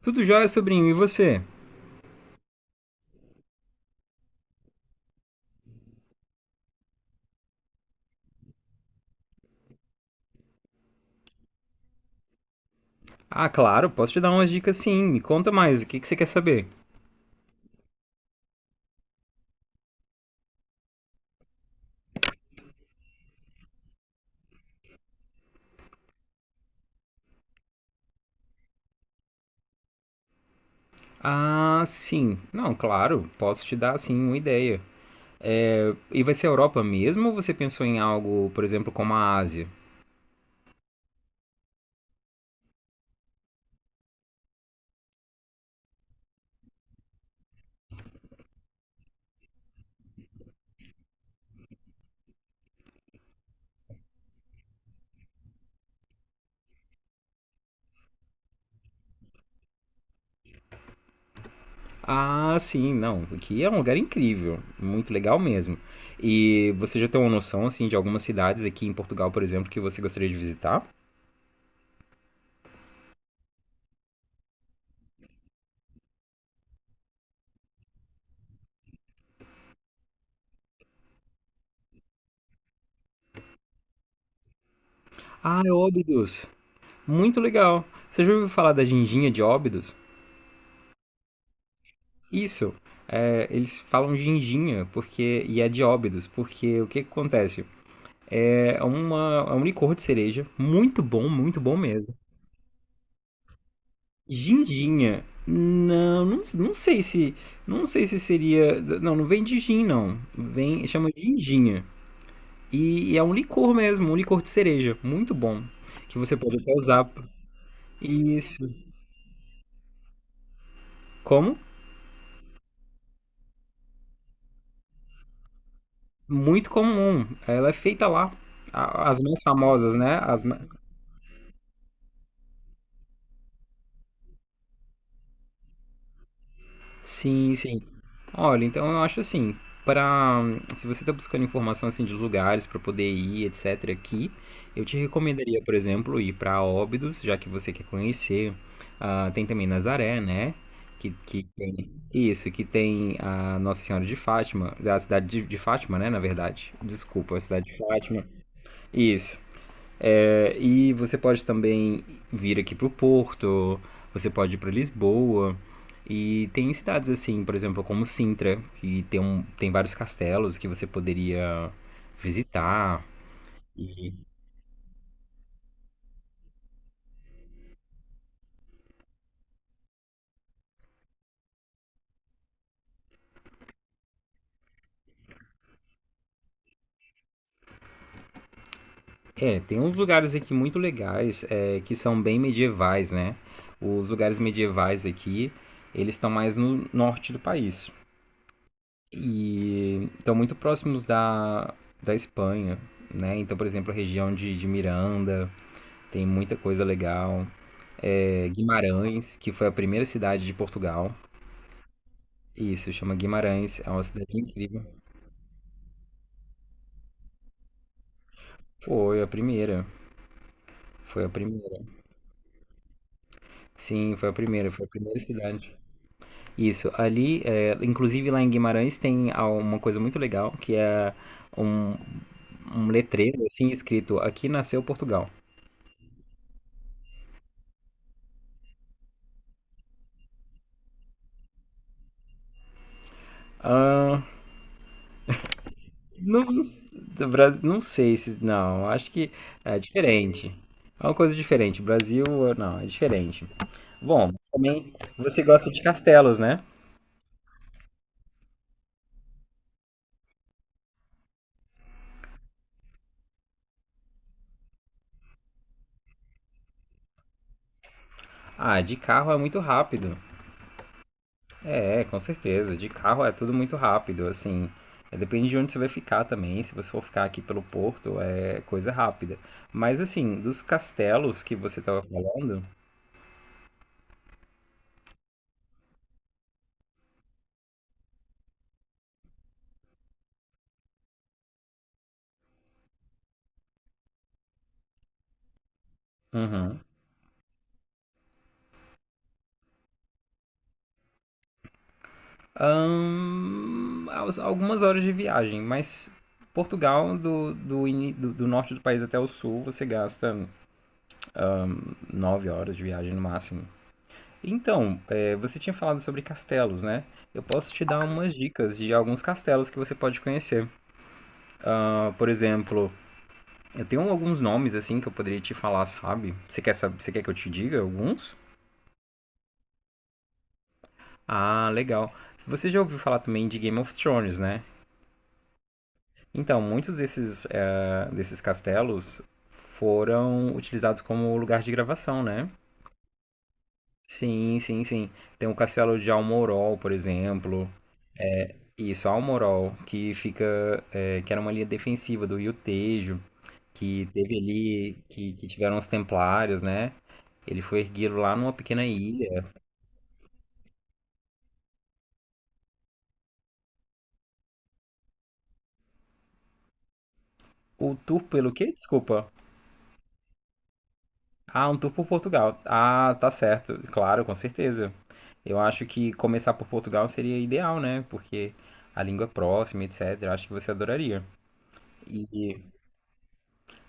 Tudo jóia, sobrinho, e você? Ah, claro, posso te dar umas dicas sim. Me conta mais, o que você quer saber? Ah, sim. Não, claro, posso te dar sim uma ideia. E vai ser a Europa mesmo ou você pensou em algo, por exemplo, como a Ásia? Ah, sim, não. Aqui é um lugar incrível, muito legal mesmo. E você já tem uma noção assim de algumas cidades aqui em Portugal, por exemplo, que você gostaria de visitar? Ah, é Óbidos. Muito legal. Você já ouviu falar da Ginginha de Óbidos? Isso. É, eles falam ginginha porque, e é de óbidos, porque o que, que acontece? É um licor de cereja, muito bom mesmo. Ginginha, não, sei se, não sei se seria, não, não vem de gin, não, vem, chama ginginha. E é um licor mesmo, um licor de cereja, muito bom, que você pode até usar. Isso, como? Muito comum, ela é feita lá, as mais famosas, né? Sim, sim. Olha, então eu acho assim, para se você está buscando informação assim de lugares para poder ir, etc, aqui, eu te recomendaria, por exemplo, ir para Óbidos, já que você quer conhecer. Ah, tem também Nazaré, né? Que tem isso, que tem a Nossa Senhora de Fátima, da cidade de Fátima, né? Na verdade, desculpa, a cidade de Fátima. Isso. É, e você pode também vir aqui para o Porto, você pode ir para Lisboa. E tem cidades assim, por exemplo, como Sintra, que tem, um, tem vários castelos que você poderia visitar. E, é, tem uns lugares aqui muito legais, é, que são bem medievais, né? Os lugares medievais aqui, eles estão mais no norte do país. E estão muito próximos da Espanha, né? Então, por exemplo, a região de Miranda, tem muita coisa legal. É, Guimarães, que foi a primeira cidade de Portugal. Isso, chama Guimarães. É uma cidade incrível. Foi a primeira. Foi a primeira. Sim, foi a primeira. Foi a primeira cidade. Isso, ali, é, inclusive lá em Guimarães tem uma coisa muito legal, que é um, um letreiro assim escrito Aqui nasceu Portugal. Ah, não, do não sei se. Não, acho que é diferente. É uma coisa diferente. Brasil, não, é diferente. Bom, mas também você gosta de castelos, né? Ah, de carro é muito rápido. É, com certeza. De carro é tudo muito rápido. Assim, é, depende de onde você vai ficar também. Se você for ficar aqui pelo Porto, é coisa rápida. Mas assim, dos castelos que você estava falando, uhum, algumas horas de viagem. Mas Portugal, do norte do país até o sul, você gasta nove horas de viagem no máximo. Então, é, você tinha falado sobre castelos, né? Eu posso te dar umas dicas de alguns castelos que você pode conhecer. Ah, por exemplo, eu tenho alguns nomes assim que eu poderia te falar, sabe? Você quer saber, você quer que eu te diga alguns? Ah, legal. Você já ouviu falar também de Game of Thrones, né? Então, muitos desses, desses castelos foram utilizados como lugar de gravação, né? Sim, sim, sim. Tem o castelo de Almorol, por exemplo. É, isso, Almorol, que fica, é, que era uma linha defensiva do Iltejo, que teve ali, que tiveram os Templários, né? Ele foi erguido lá numa pequena ilha. O tour pelo quê? Desculpa. Ah, um tour por Portugal. Ah, tá certo. Claro, com certeza. Eu acho que começar por Portugal seria ideal, né? Porque a língua é próxima, etc. Acho que você adoraria. E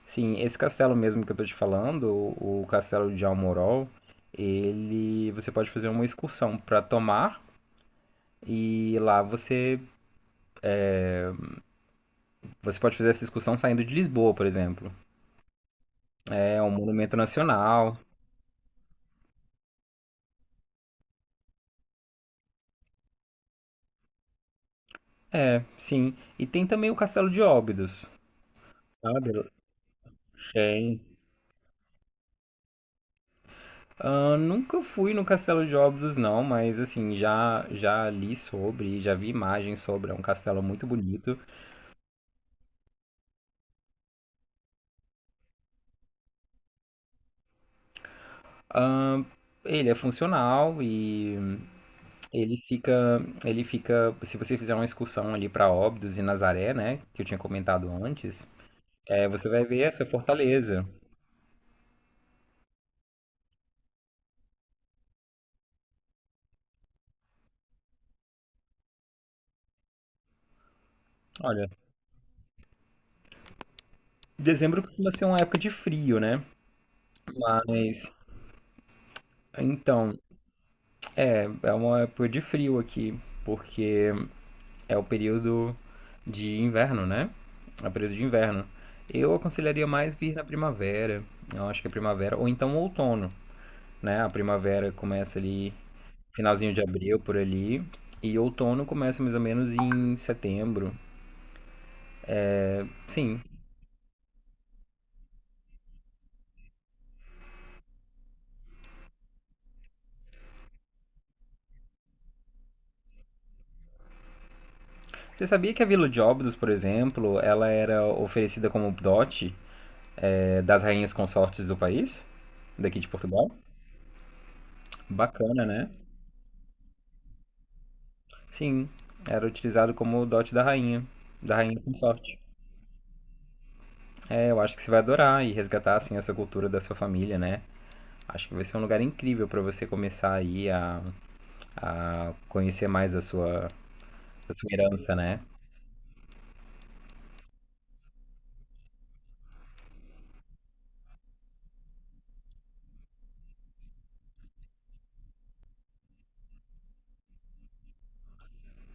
sim, esse castelo mesmo que eu tô te falando, o castelo de Almorol, ele você pode fazer uma excursão para Tomar e lá você você pode fazer essa excursão saindo de Lisboa, por exemplo. É um monumento nacional. É, sim. E tem também o Castelo de Óbidos, sabe? Tem. Ah, nunca fui no Castelo de Óbidos não, mas assim, já li sobre, já vi imagens sobre, é um castelo muito bonito. Ah, ele é funcional e ele fica, ele fica, se você fizer uma excursão ali para Óbidos e Nazaré, né, que eu tinha comentado antes, é, você vai ver essa fortaleza. Olha, dezembro costuma ser uma época de frio, né? Mas então, é uma época de frio aqui, porque é o período de inverno, né? É o período de inverno. Eu aconselharia mais vir na primavera. Eu acho que é primavera ou então outono, né? A primavera começa ali finalzinho de abril por ali. E outono começa mais ou menos em setembro. Sim. Você sabia que a Vila de Óbidos, por exemplo, ela era oferecida como dote das rainhas consortes do país? Daqui de Portugal? Bacana, né? Sim. Era utilizado como dote da rainha. Da rainha consorte. É, eu acho que você vai adorar e resgatar, assim, essa cultura da sua família, né? Acho que vai ser um lugar incrível para você começar aí a conhecer mais da sua herança, né?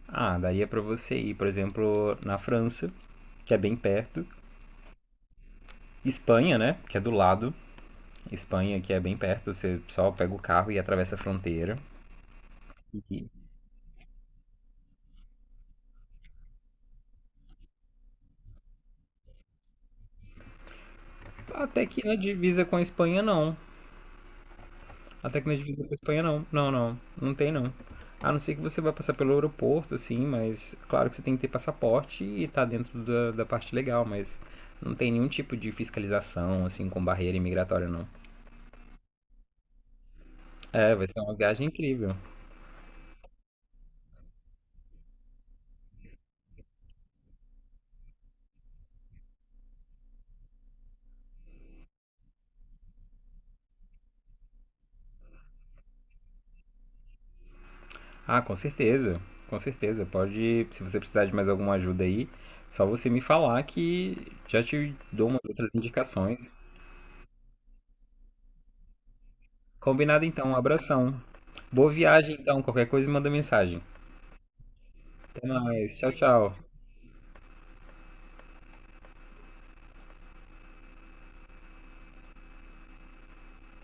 Ah, daí é pra você ir, por exemplo, na França, que é bem perto. Espanha, né? Que é do lado. Espanha, que é bem perto. Você só pega o carro e atravessa a fronteira. E- Até que na divisa com a Espanha, não. Até que na divisa com a Espanha, não. Não, não. Não tem, não. A não ser que você vai passar pelo aeroporto, assim, mas claro que você tem que ter passaporte e tá dentro da parte legal, mas não tem nenhum tipo de fiscalização, assim, com barreira imigratória, não. É, vai ser uma viagem incrível. Ah, com certeza, com certeza. Pode, se você precisar de mais alguma ajuda aí, só você me falar que já te dou umas outras indicações. Combinado então, um abração. Boa viagem então, qualquer coisa manda mensagem. Até mais, tchau, tchau.